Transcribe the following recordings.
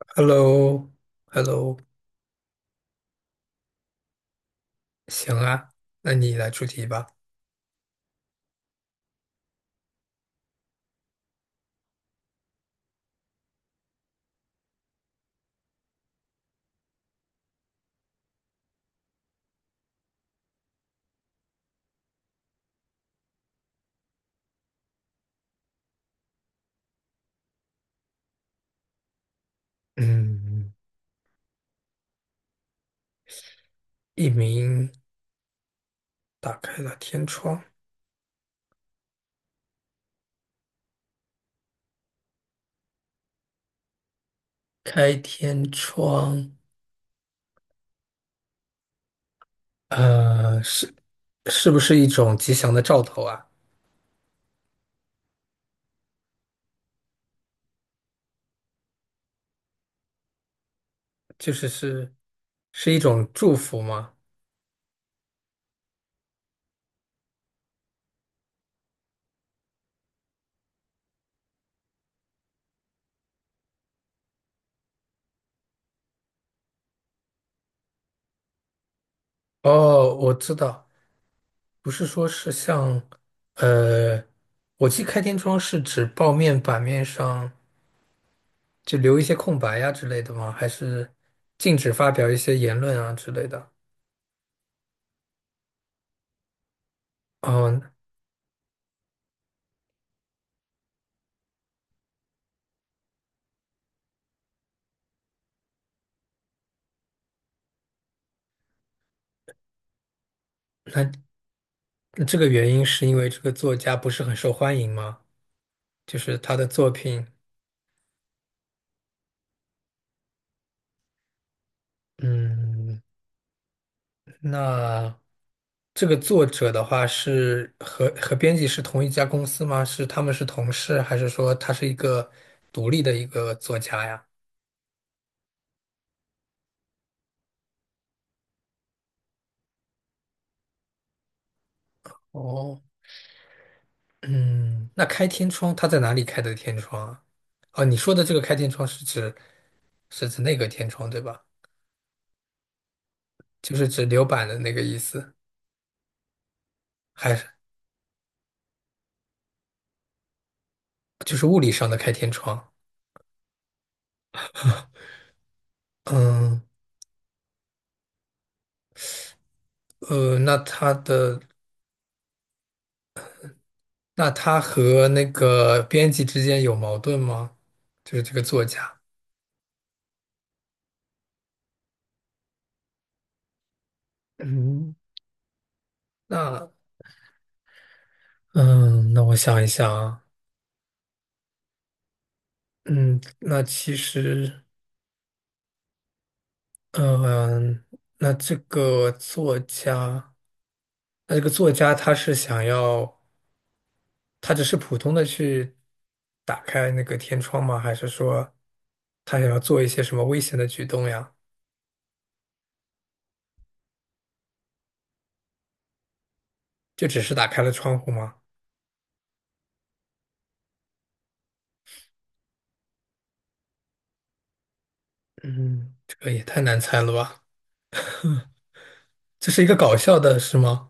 h e l l o h e l l o 行啊，那你来出题吧。嗯，一鸣打开了天窗，开天窗，呃，是是不是一种吉祥的兆头啊？就是是一种祝福吗？哦，我知道，不是说是像，呃，我记开天窗是指报面版面上就留一些空白呀、之类的吗？还是禁止发表一些言论啊之类的？哦，那那这个原因是因为这个作家不是很受欢迎吗？就是他的作品，嗯，那这个作者的话是和编辑是同一家公司吗？是他们是同事，还是说他是一个独立的一个作家呀？哦，嗯，那开天窗他在哪里开的天窗啊？哦，你说的这个开天窗是指那个天窗对吧？就是指留板的那个意思，还是就是物理上的开天窗？嗯。呃，那他的那他和那个编辑之间有矛盾吗？就是这个作家。嗯，那嗯，那我想一想啊，嗯，那其实嗯，那这个作家，他是想要，他只是普通的去打开那个天窗吗？还是说他想要做一些什么危险的举动呀？就只是打开了窗户吗？嗯，这个也太难猜了吧。这是一个搞笑的，是吗？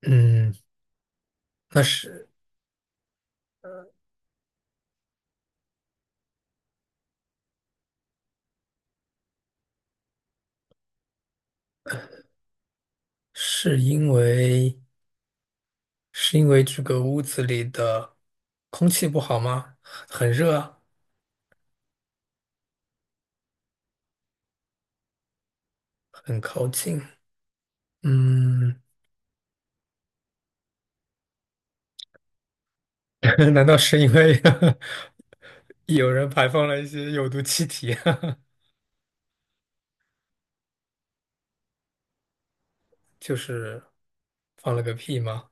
嗯，那是是因为是因为这个屋子里的空气不好吗？很热啊，很靠近。嗯，难道是因为 有人排放了一些有毒气体？就是放了个屁吗？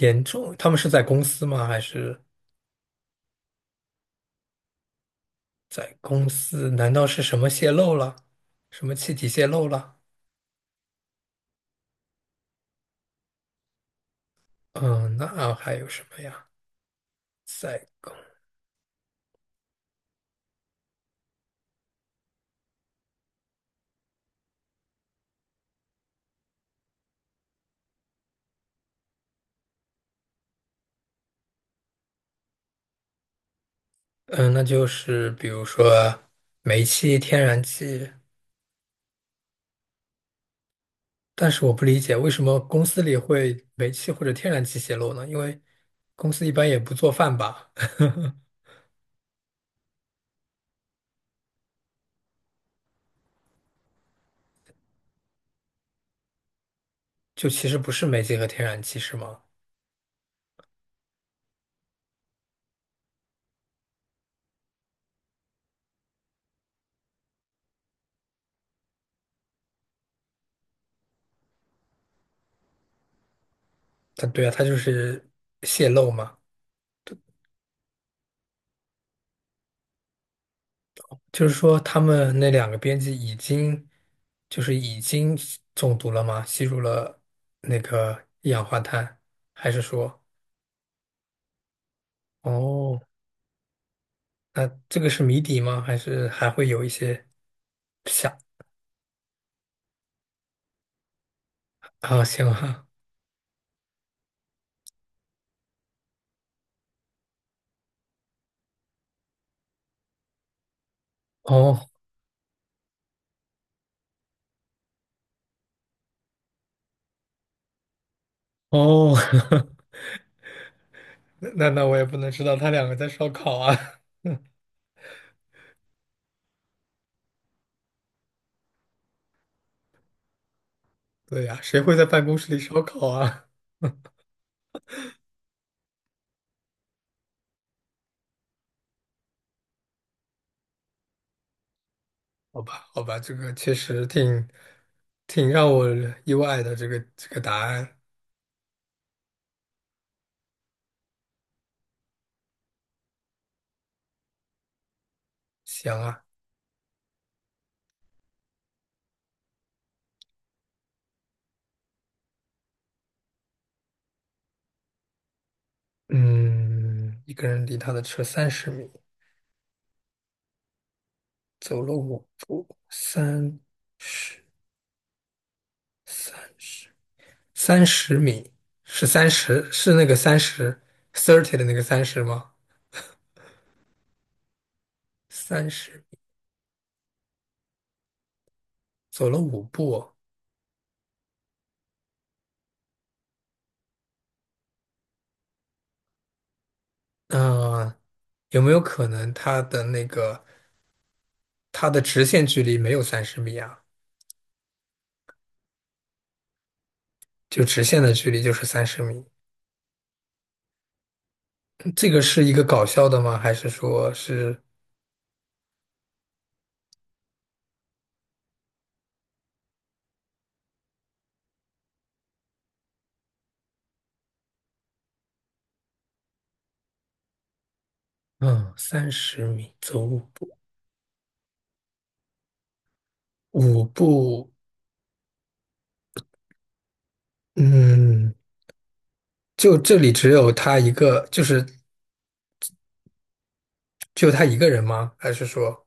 严重，他们是在公司吗？还是在公司？难道是什么泄漏了？什么气体泄漏了？嗯，那还有什么呀？在。公嗯，那就是比如说煤气、天然气，但是我不理解为什么公司里会煤气或者天然气泄漏呢？因为公司一般也不做饭吧，就其实不是煤气和天然气是吗？它对啊，它就是泄漏嘛，就是说他们那两个编辑已经吸中毒了吗？吸入了那个一氧化碳，还是说哦？那这个是谜底吗？还是还会有一些想啊？行啊，哦哦，那我也不能知道他两个在烧烤啊。对呀，谁会在办公室里烧烤啊？好吧，好吧，这个确实挺让我意外的，这个答案。行啊，嗯，一个人离他的车三十米，走了五步，三十三十。三十米是三十，是那个三十 thirty 的那个30吗？三十走了五步，嗯、有没有可能它的直线距离没有三十米啊？就直线的距离就是三十米，这个是一个搞笑的吗？还是说是嗯三十米走五步五步？嗯，就这里只有他一个，就是只有他一个人吗？还是说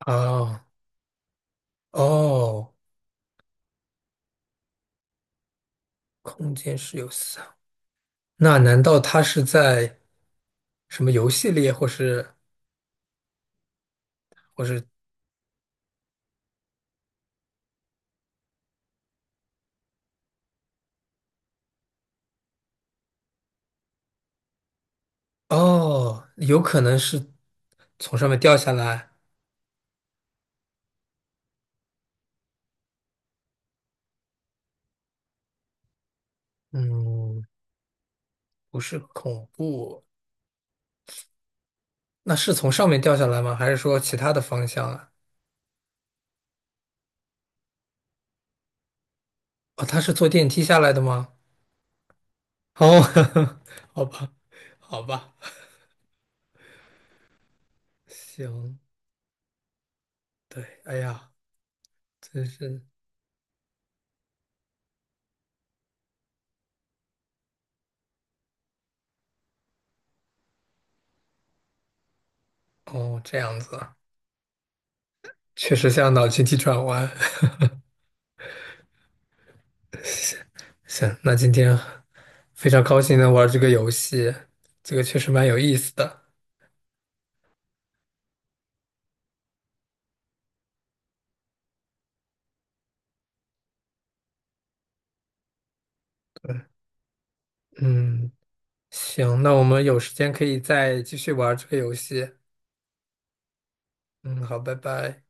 啊哦？空间是有四，那难道他是在什么游戏里，或是哦，有可能是从上面掉下来？嗯，不是恐怖，那是从上面掉下来吗？还是说其他的方向啊？哦，他是坐电梯下来的吗？哦，好吧，好吧，行，对，哎呀，真是哦，这样子啊，确实像脑筋急转弯。行，那今天非常高兴能玩这个游戏，这个确实蛮有意思的。嗯，行，那我们有时间可以再继续玩这个游戏。嗯，好，拜拜。